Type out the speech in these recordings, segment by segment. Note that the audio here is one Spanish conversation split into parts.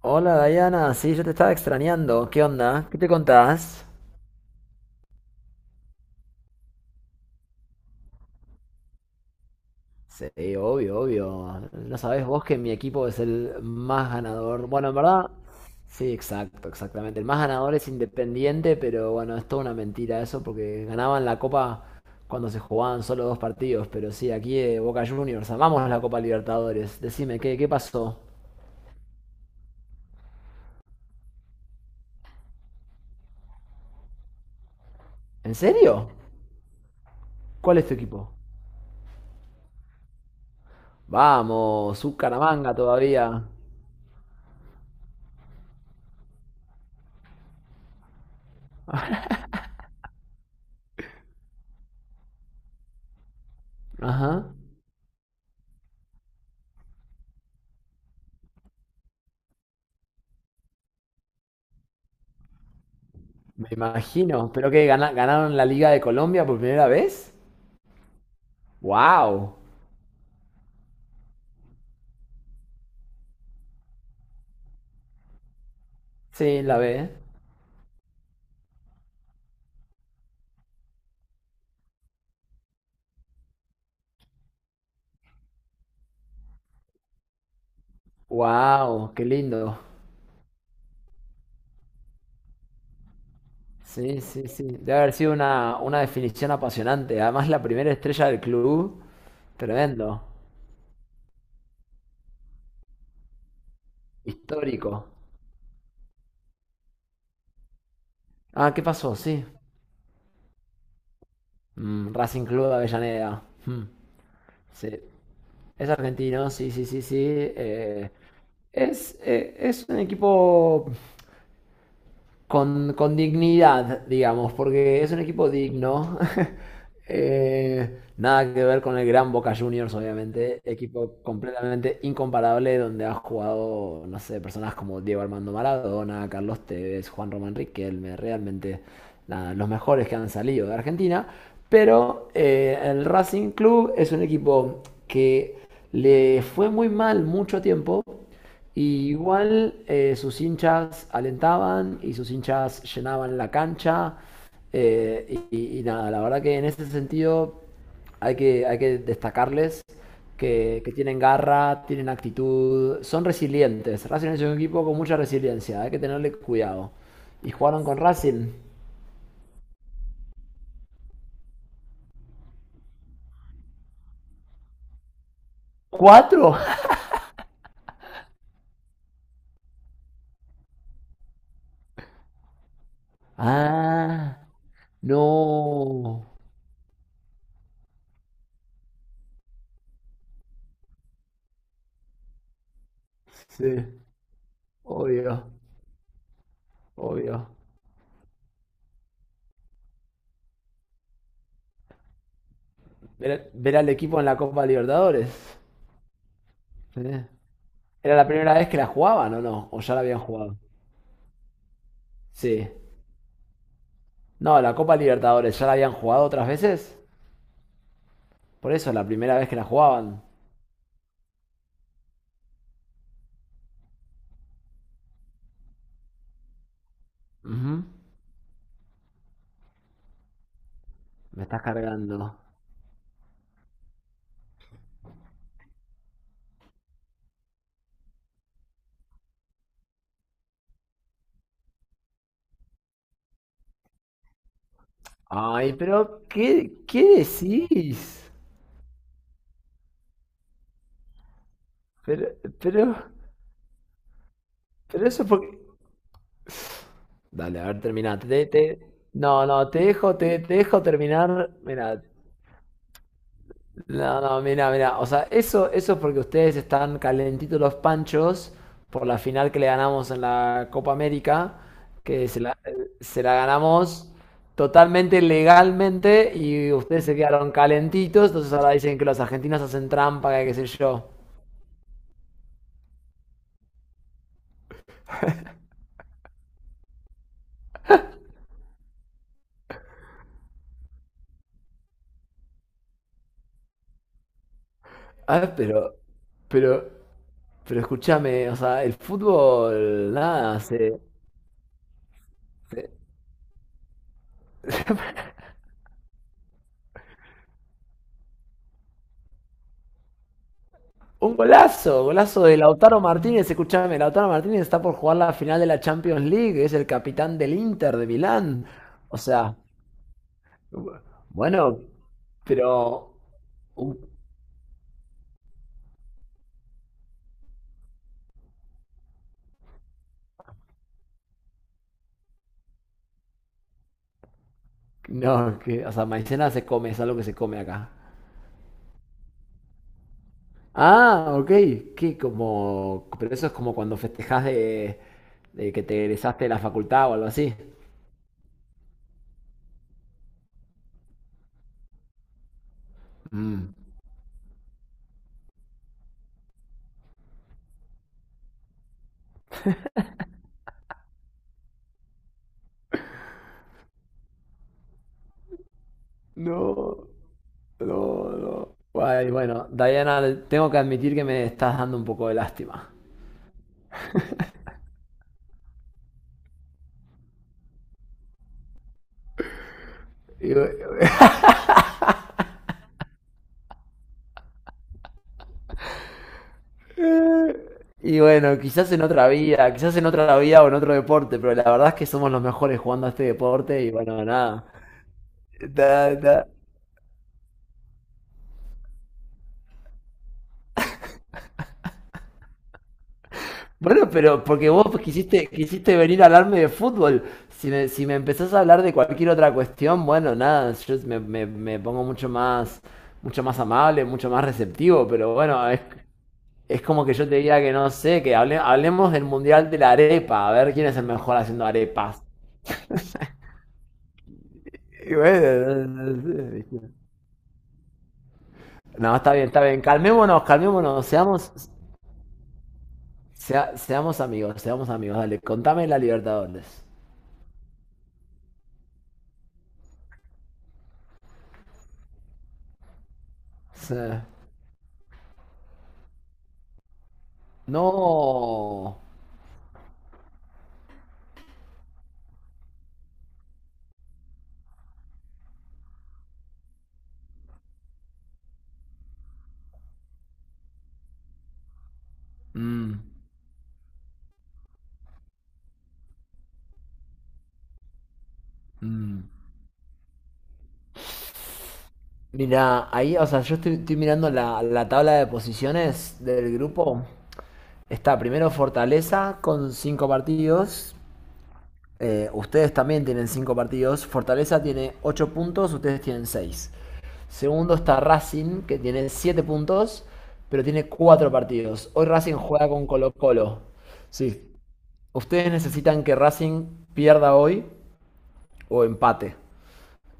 Hola Diana, sí, yo te estaba extrañando. ¿Qué onda? ¿Qué te contás? Sí, obvio, obvio. ¿No sabés vos que mi equipo es el más ganador? Bueno, en verdad, sí, exacto, exactamente. El más ganador es Independiente, pero bueno, es toda una mentira eso porque ganaban la Copa cuando se jugaban solo dos partidos. Pero sí, aquí Boca Juniors, amamos la Copa Libertadores. Decime, ¿qué pasó? ¿En serio? ¿Cuál es tu equipo? Vamos, Bucaramanga todavía. Ajá. Me imagino, pero que ganaron la Liga de Colombia por primera vez. ¡Wow! Sí, la ve. ¡Wow! ¡Qué lindo! Sí, sí, sí. Debe haber sido una definición apasionante. Además, la primera estrella del club. Tremendo. Histórico. Ah, ¿qué pasó? Sí. Racing Club de Avellaneda. Mm, sí. Es argentino, sí, sí, sí, sí. Es un equipo con dignidad, digamos, porque es un equipo digno. Nada que ver con el gran Boca Juniors, obviamente. Equipo completamente incomparable donde ha jugado, no sé, personas como Diego Armando Maradona, Carlos Tevez, Juan Román Riquelme, realmente nada, los mejores que han salido de Argentina. Pero el Racing Club es un equipo que le fue muy mal mucho tiempo y igual sus hinchas alentaban y sus hinchas llenaban la cancha. Nada, la verdad que en ese sentido hay que destacarles que tienen garra, tienen actitud, son resilientes. Racing es un equipo con mucha resiliencia, hay que tenerle cuidado. Y jugaron con Racing. ¿Cuatro? Ah, no. Sí, obvio, obvio. Ver al equipo en la Copa Libertadores. Eh, ¿Era la primera vez que la jugaban o no? ¿O ya la habían jugado? Sí. No, la Copa Libertadores, ¿ya la habían jugado otras veces? Por eso, la primera vez que la jugaban. Ujú. Me estás cargando. Ay, pero ¿qué decís? Pero, pero, pero eso porque... Dale, a ver, terminate. No, no, te dejo, te dejo terminar. Mira, no, no, mira, o sea, eso es porque ustedes están calentitos los panchos por la final que le ganamos en la Copa América, que se la ganamos totalmente legalmente y ustedes se quedaron calentitos, entonces ahora dicen que los argentinos hacen trampa, que qué sé yo. A ver, pero, pero escúchame, o sea, el fútbol, nada, se, un golazo, golazo de Lautaro Martínez. Escúchame, Lautaro Martínez está por jugar la final de la Champions League, es el capitán del Inter de Milán. O sea, bueno, pero un- no, que, o sea, maicena se come, es algo que se come acá. Ah, ok, que como, pero eso es como cuando festejás de que te egresaste de la facultad o algo así. Mm. No, no, no. Ay, bueno, Diana, tengo que admitir que me estás dando un poco de lástima. Y, bu- y bueno, quizás en otra vida, quizás en otra vida o en otro deporte, pero la verdad es que somos los mejores jugando a este deporte y bueno, nada. Ta. Bueno, pero porque vos pues, quisiste venir a hablarme de fútbol. Si me empezás a hablar de cualquier otra cuestión, bueno, nada, me pongo mucho más amable, mucho más receptivo, pero bueno, es como que yo te diga que no sé, que hablemos del Mundial de la Arepa, a ver quién es el mejor haciendo arepas. Y bueno, No, está bien, está bien. Calmémonos, calmémonos. Seamos, seamos amigos, seamos amigos. Dale, contame la Libertadores. O no. Mm, mm. Mira, ahí, o sea, yo estoy mirando la tabla de posiciones del grupo. Está primero Fortaleza con 5 partidos. Ustedes también tienen 5 partidos. Fortaleza tiene 8 puntos, ustedes tienen 6. Segundo está Racing, que tiene 7 puntos, pero tiene 4 partidos. Hoy Racing juega con Colo Colo. Sí. Ustedes necesitan que Racing pierda hoy o empate.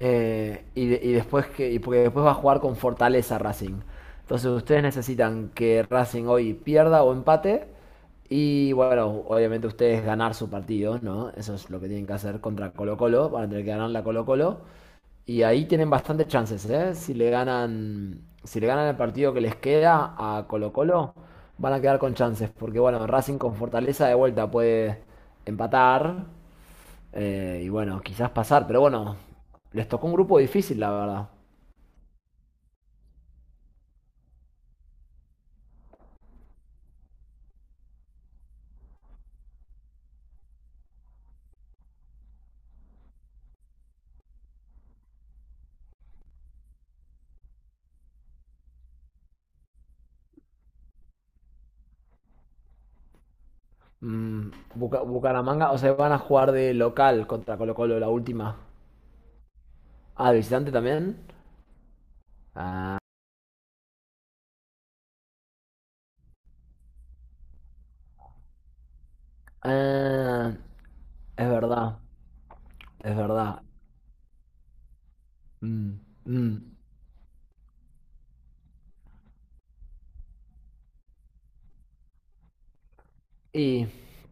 Y, de- y después que, y porque Después va a jugar con Fortaleza Racing. Entonces ustedes necesitan que Racing hoy pierda o empate. Y bueno, obviamente ustedes ganar su partido, ¿no? Eso es lo que tienen que hacer contra Colo Colo. Van a tener que ganar la Colo Colo. Y ahí tienen bastantes chances, ¿eh? Si le ganan el partido que les queda a Colo-Colo, van a quedar con chances. Porque bueno, Racing con Fortaleza de vuelta puede empatar y bueno, quizás pasar. Pero bueno, les tocó un grupo difícil, la verdad. Bucaramanga, o sea, van a jugar de local contra Colo-Colo la última. Ah, de visitante también. Ah, es verdad, es verdad. Mm, mm. Y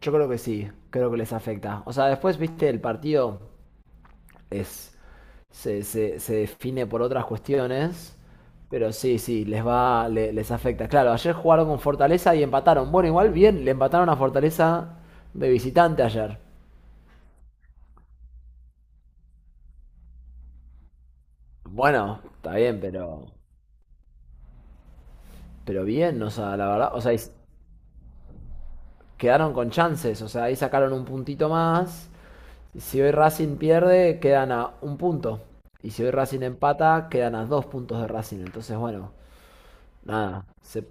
yo creo que sí, creo que les afecta. O sea, después, viste, el partido es, se define por otras cuestiones, pero sí, sí, les va, les afecta. Claro, ayer jugaron con Fortaleza y empataron. Bueno, igual bien, le empataron a Fortaleza de visitante ayer. Bueno, está bien, pero, bien, o sea, la verdad, o sea, quedaron con chances, o sea, ahí sacaron un puntito más. Si hoy Racing pierde, quedan a un punto. Y si hoy Racing empata, quedan a dos puntos de Racing. Entonces, bueno, nada.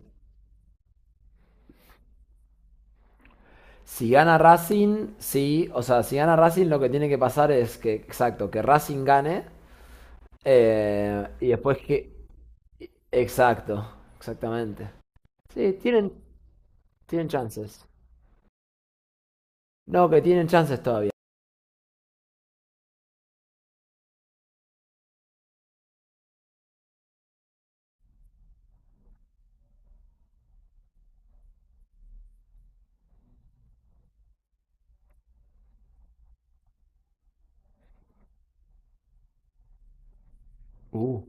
Si gana Racing, sí. O sea, si gana Racing, lo que tiene que pasar es que, exacto, que Racing gane. Y después que... Exacto, exactamente. Sí, tienen chances. No, que tienen chances todavía. Uh.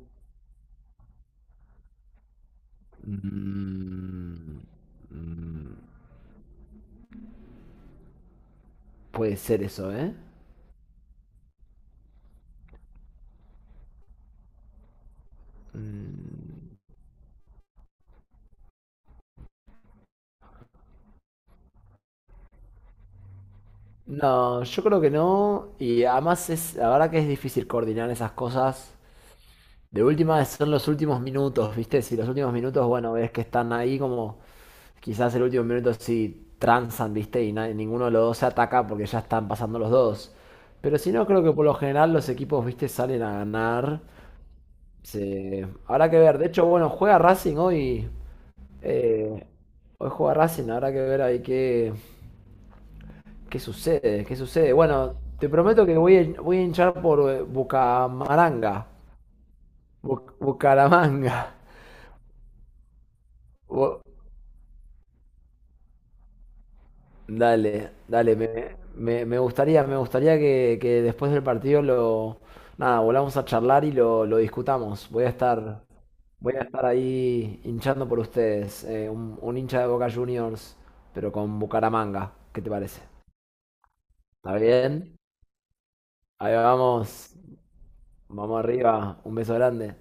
Mm, mm, Puede ser eso, ¿eh? Mm. No, yo creo que no. Y además la verdad que es difícil coordinar esas cosas. De última son los últimos minutos, ¿viste? Si los últimos minutos, bueno, ves que están ahí como quizás el último minuto sí transan, ¿viste? Y ninguno de los dos se ataca porque ya están pasando los dos. Pero si no, creo que por lo general los equipos, ¿viste? Salen a ganar. Habrá que ver. De hecho, bueno, juega Racing hoy. eh, Hoy juega Racing, habrá que ver ahí qué, ¿qué sucede? ¿Qué sucede? Bueno, te prometo que voy a, hinchar por Bucamaranga. Bucaramanga. Bu- Dale, dale, me gustaría que después del partido lo, nada, volvamos a charlar y lo discutamos. voy a estar, ahí hinchando por ustedes, un hincha de Boca Juniors, pero con Bucaramanga. ¿Qué te parece? ¿Está bien? Ahí vamos, vamos arriba, un beso grande.